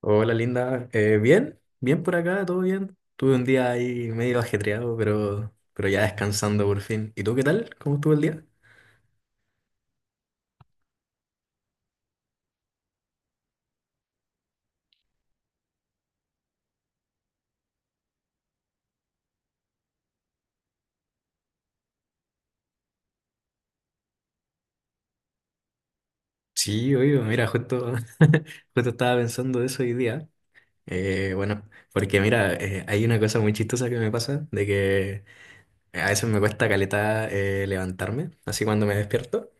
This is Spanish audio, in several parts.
Hola linda. Bien, bien por acá, todo bien. Tuve un día ahí medio ajetreado, pero ya descansando por fin. ¿Y tú qué tal? ¿Cómo estuvo el día? Sí, oye, mira, justo estaba pensando de eso hoy día. Bueno, porque mira, hay una cosa muy chistosa que me pasa, de que a veces me cuesta caleta levantarme, así cuando me despierto.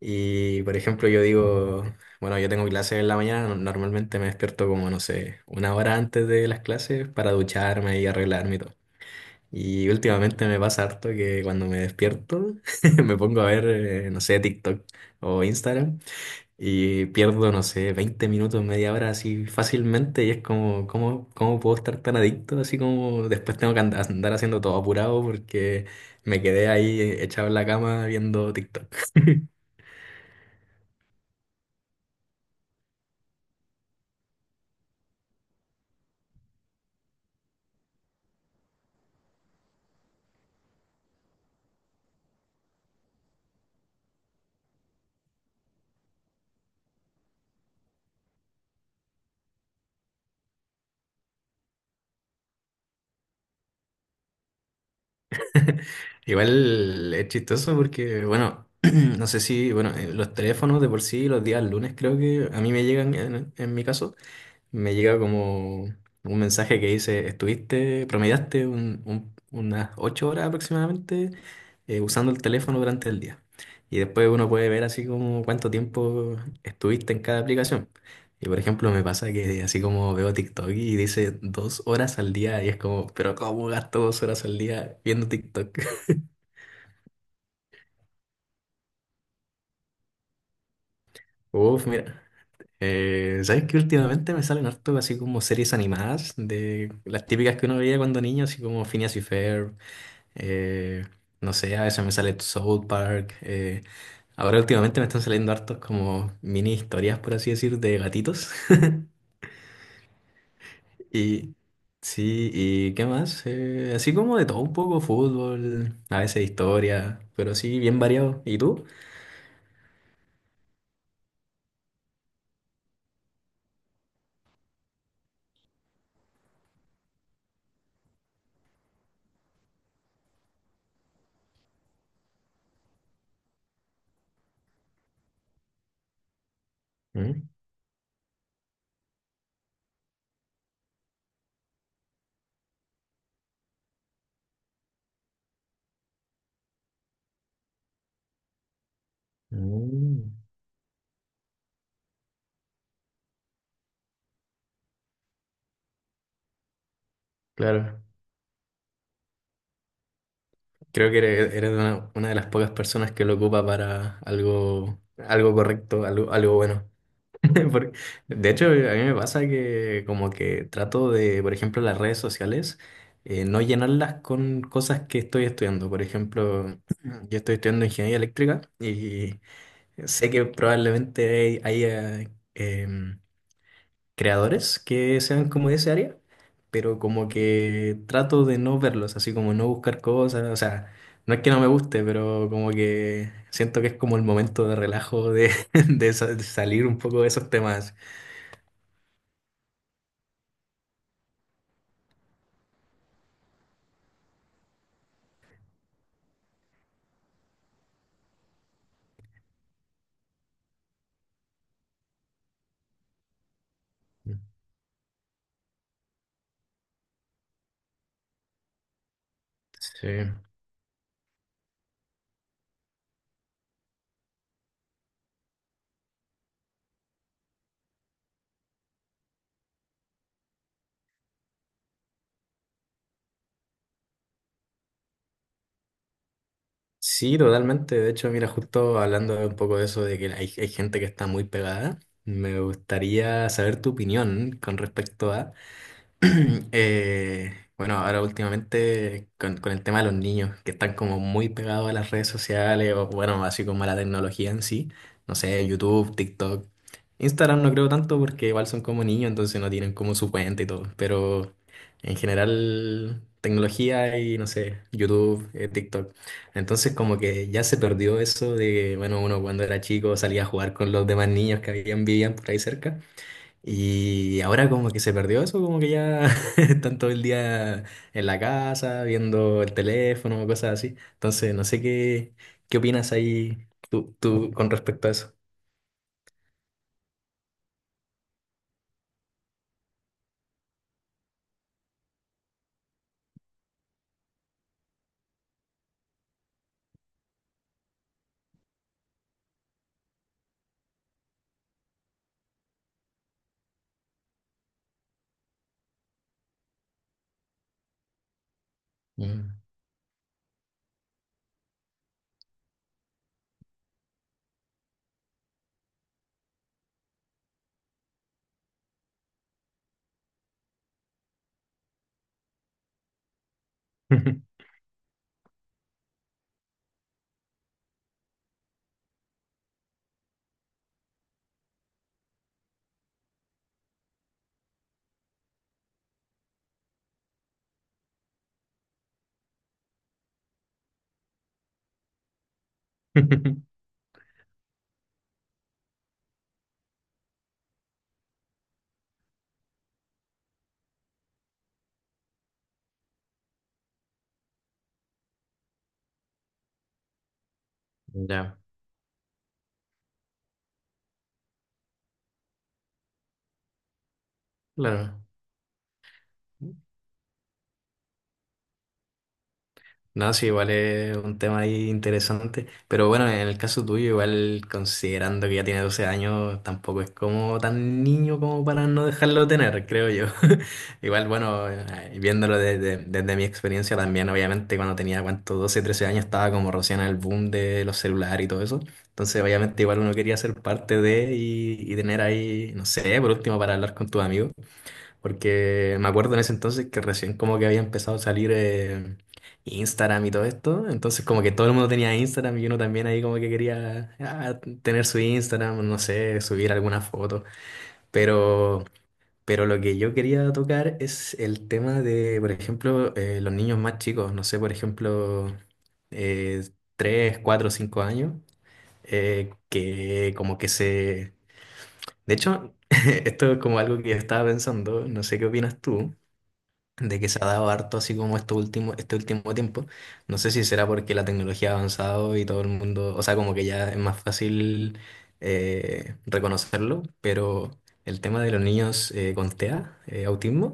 Y por ejemplo, yo digo, bueno, yo tengo clases en la mañana, normalmente me despierto como, no sé, una hora antes de las clases para ducharme y arreglarme y todo. Y últimamente me pasa harto que cuando me despierto me pongo a ver, no sé, TikTok o Instagram y pierdo, no sé, 20 minutos, media hora así fácilmente y es como, ¿ cómo puedo estar tan adicto? Así como después tengo que andar haciendo todo apurado porque me quedé ahí echado en la cama viendo TikTok. Igual es chistoso porque, bueno, no sé si, bueno, los teléfonos de por sí los días lunes creo que a mí me llegan en mi caso. Me llega como un mensaje que dice, estuviste, promediaste unas 8 horas aproximadamente usando el teléfono durante el día. Y después uno puede ver así como cuánto tiempo estuviste en cada aplicación. Y por ejemplo, me pasa que así como veo TikTok y dice 2 horas al día y es como, pero ¿cómo gasto 2 horas al día viendo TikTok? Uf, mira. ¿Sabes qué? Últimamente me salen harto así como series animadas de las típicas que uno veía cuando niño, así como Phineas y Ferb. Eh, no sé, a veces me sale South Park. Ahora últimamente me están saliendo hartos como mini historias, por así decir, de gatitos. Y sí, ¿y qué más? Así como de todo un poco, fútbol, a veces historia, pero sí, bien variado. ¿Y tú? Mm, mm. Claro, creo que eres, una de las pocas personas que lo ocupa para algo, algo correcto, algo, algo bueno. Por- De hecho, a mí me pasa que como que trato de, por ejemplo, las redes sociales, no llenarlas con cosas que estoy estudiando. Por ejemplo, yo estoy estudiando ingeniería eléctrica y sé que probablemente haya em, creadores que sean como de ese área, pero como que trato de no verlos, así como no buscar cosas, o sea, no es que no me guste, pero como que siento que es como el momento de relajo de, de de salir un poco de esos temas. Sí. Sí, totalmente. De hecho, mira, justo hablando un poco de eso, de que hay gente que está muy pegada, me gustaría saber tu opinión con respecto a bueno, ahora últimamente con el tema de los niños que están como muy pegados a las redes sociales o bueno, así como a la tecnología en sí, no sé, YouTube, TikTok, Instagram no creo tanto porque igual son como niños, entonces no tienen como su cuenta y todo, pero en general tecnología y no sé, YouTube, TikTok. Entonces como que ya se perdió eso de, bueno, uno cuando era chico salía a jugar con los demás niños que habían, vivían por ahí cerca. Y ahora como que se perdió eso, como que ya están todo el día en la casa, viendo el teléfono, cosas así. Entonces, no sé qué, qué opinas ahí tú con respecto a eso. Mm. Ya, claro. No, sí, igual es un tema ahí interesante, pero bueno, en el caso tuyo, igual considerando que ya tiene 12 años, tampoco es como tan niño como para no dejarlo tener, creo yo. Igual, bueno, viéndolo desde, desde mi experiencia también, obviamente cuando tenía, ¿cuánto? 12 13 años estaba como recién en el boom de los celulares y todo eso. Entonces, obviamente igual uno quería ser parte de y tener ahí, no sé, por último, para hablar con tus amigos. Porque me acuerdo en ese entonces que recién como que había empezado a salir Instagram y todo esto. Entonces como que todo el mundo tenía Instagram y uno también ahí como que quería ah, tener su Instagram, no sé, subir alguna foto. Pero, pero lo que yo quería tocar es el tema de, por ejemplo, los niños más chicos. No sé, por ejemplo, eh, 3, 4, 5 años. Que como que se... De hecho, esto es como algo que yo estaba pensando. No sé qué opinas tú de que se ha dado harto así como este último tiempo. No sé si será porque la tecnología ha avanzado y todo el mundo, o sea, como que ya es más fácil reconocerlo, pero el tema de los niños con TEA, autismo,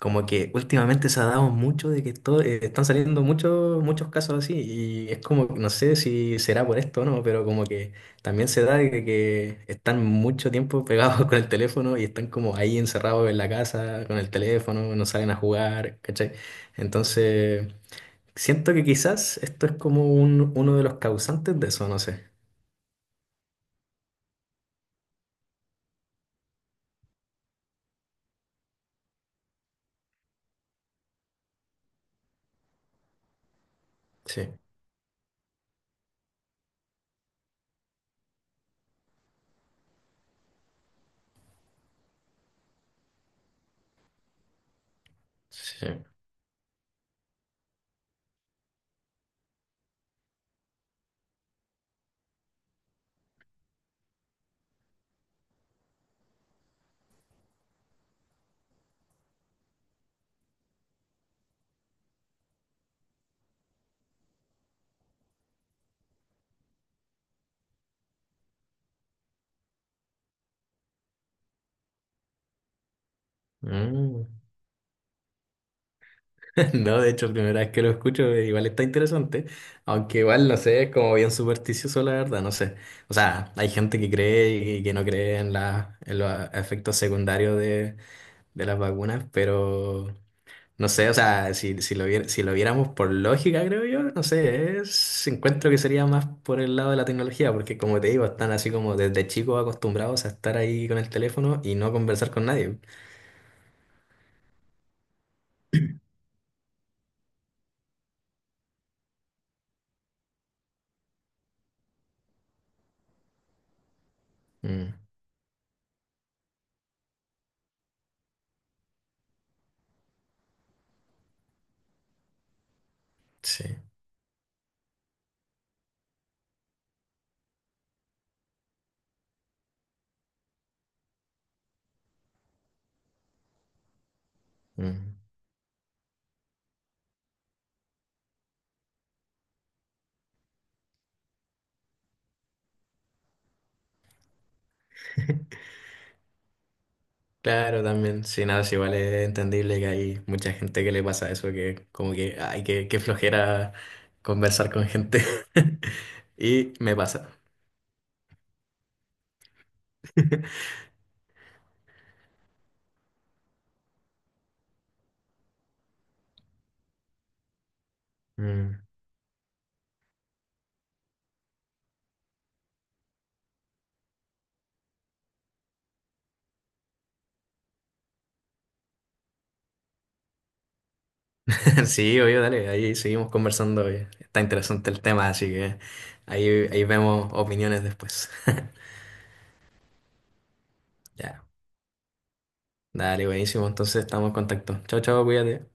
como que últimamente se ha dado mucho de que están saliendo muchos muchos casos así y es como, que no sé si será por esto o no, pero como que también se da de que están mucho tiempo pegados con el teléfono y están como ahí encerrados en la casa con el teléfono, no salen a jugar, ¿cachai? Entonces, siento que quizás esto es como uno de los causantes de eso, no sé. Sí, sí. Mm. No, de hecho, primera vez que lo escucho, igual está interesante, aunque igual no sé, es como bien supersticioso, la verdad, no sé. O sea, hay gente que cree y que no cree en, en los efectos secundarios de las vacunas, pero no sé, o sea, si, si lo viéramos por lógica, creo yo, no sé, encuentro que sería más por el lado de la tecnología, porque como te digo, están así como desde chicos acostumbrados a estar ahí con el teléfono y no conversar con nadie. Mm, sí. Mm. Claro, también, sí, nada, es igual es entendible que hay mucha gente que le pasa eso, que como que, ay, que flojera conversar con gente. Y me pasa. Mm. Sí, obvio, dale, ahí seguimos conversando. Oye. Está interesante el tema, así que ahí vemos opiniones después. Ya, dale, buenísimo, entonces estamos en contacto. Chao, chao, cuídate.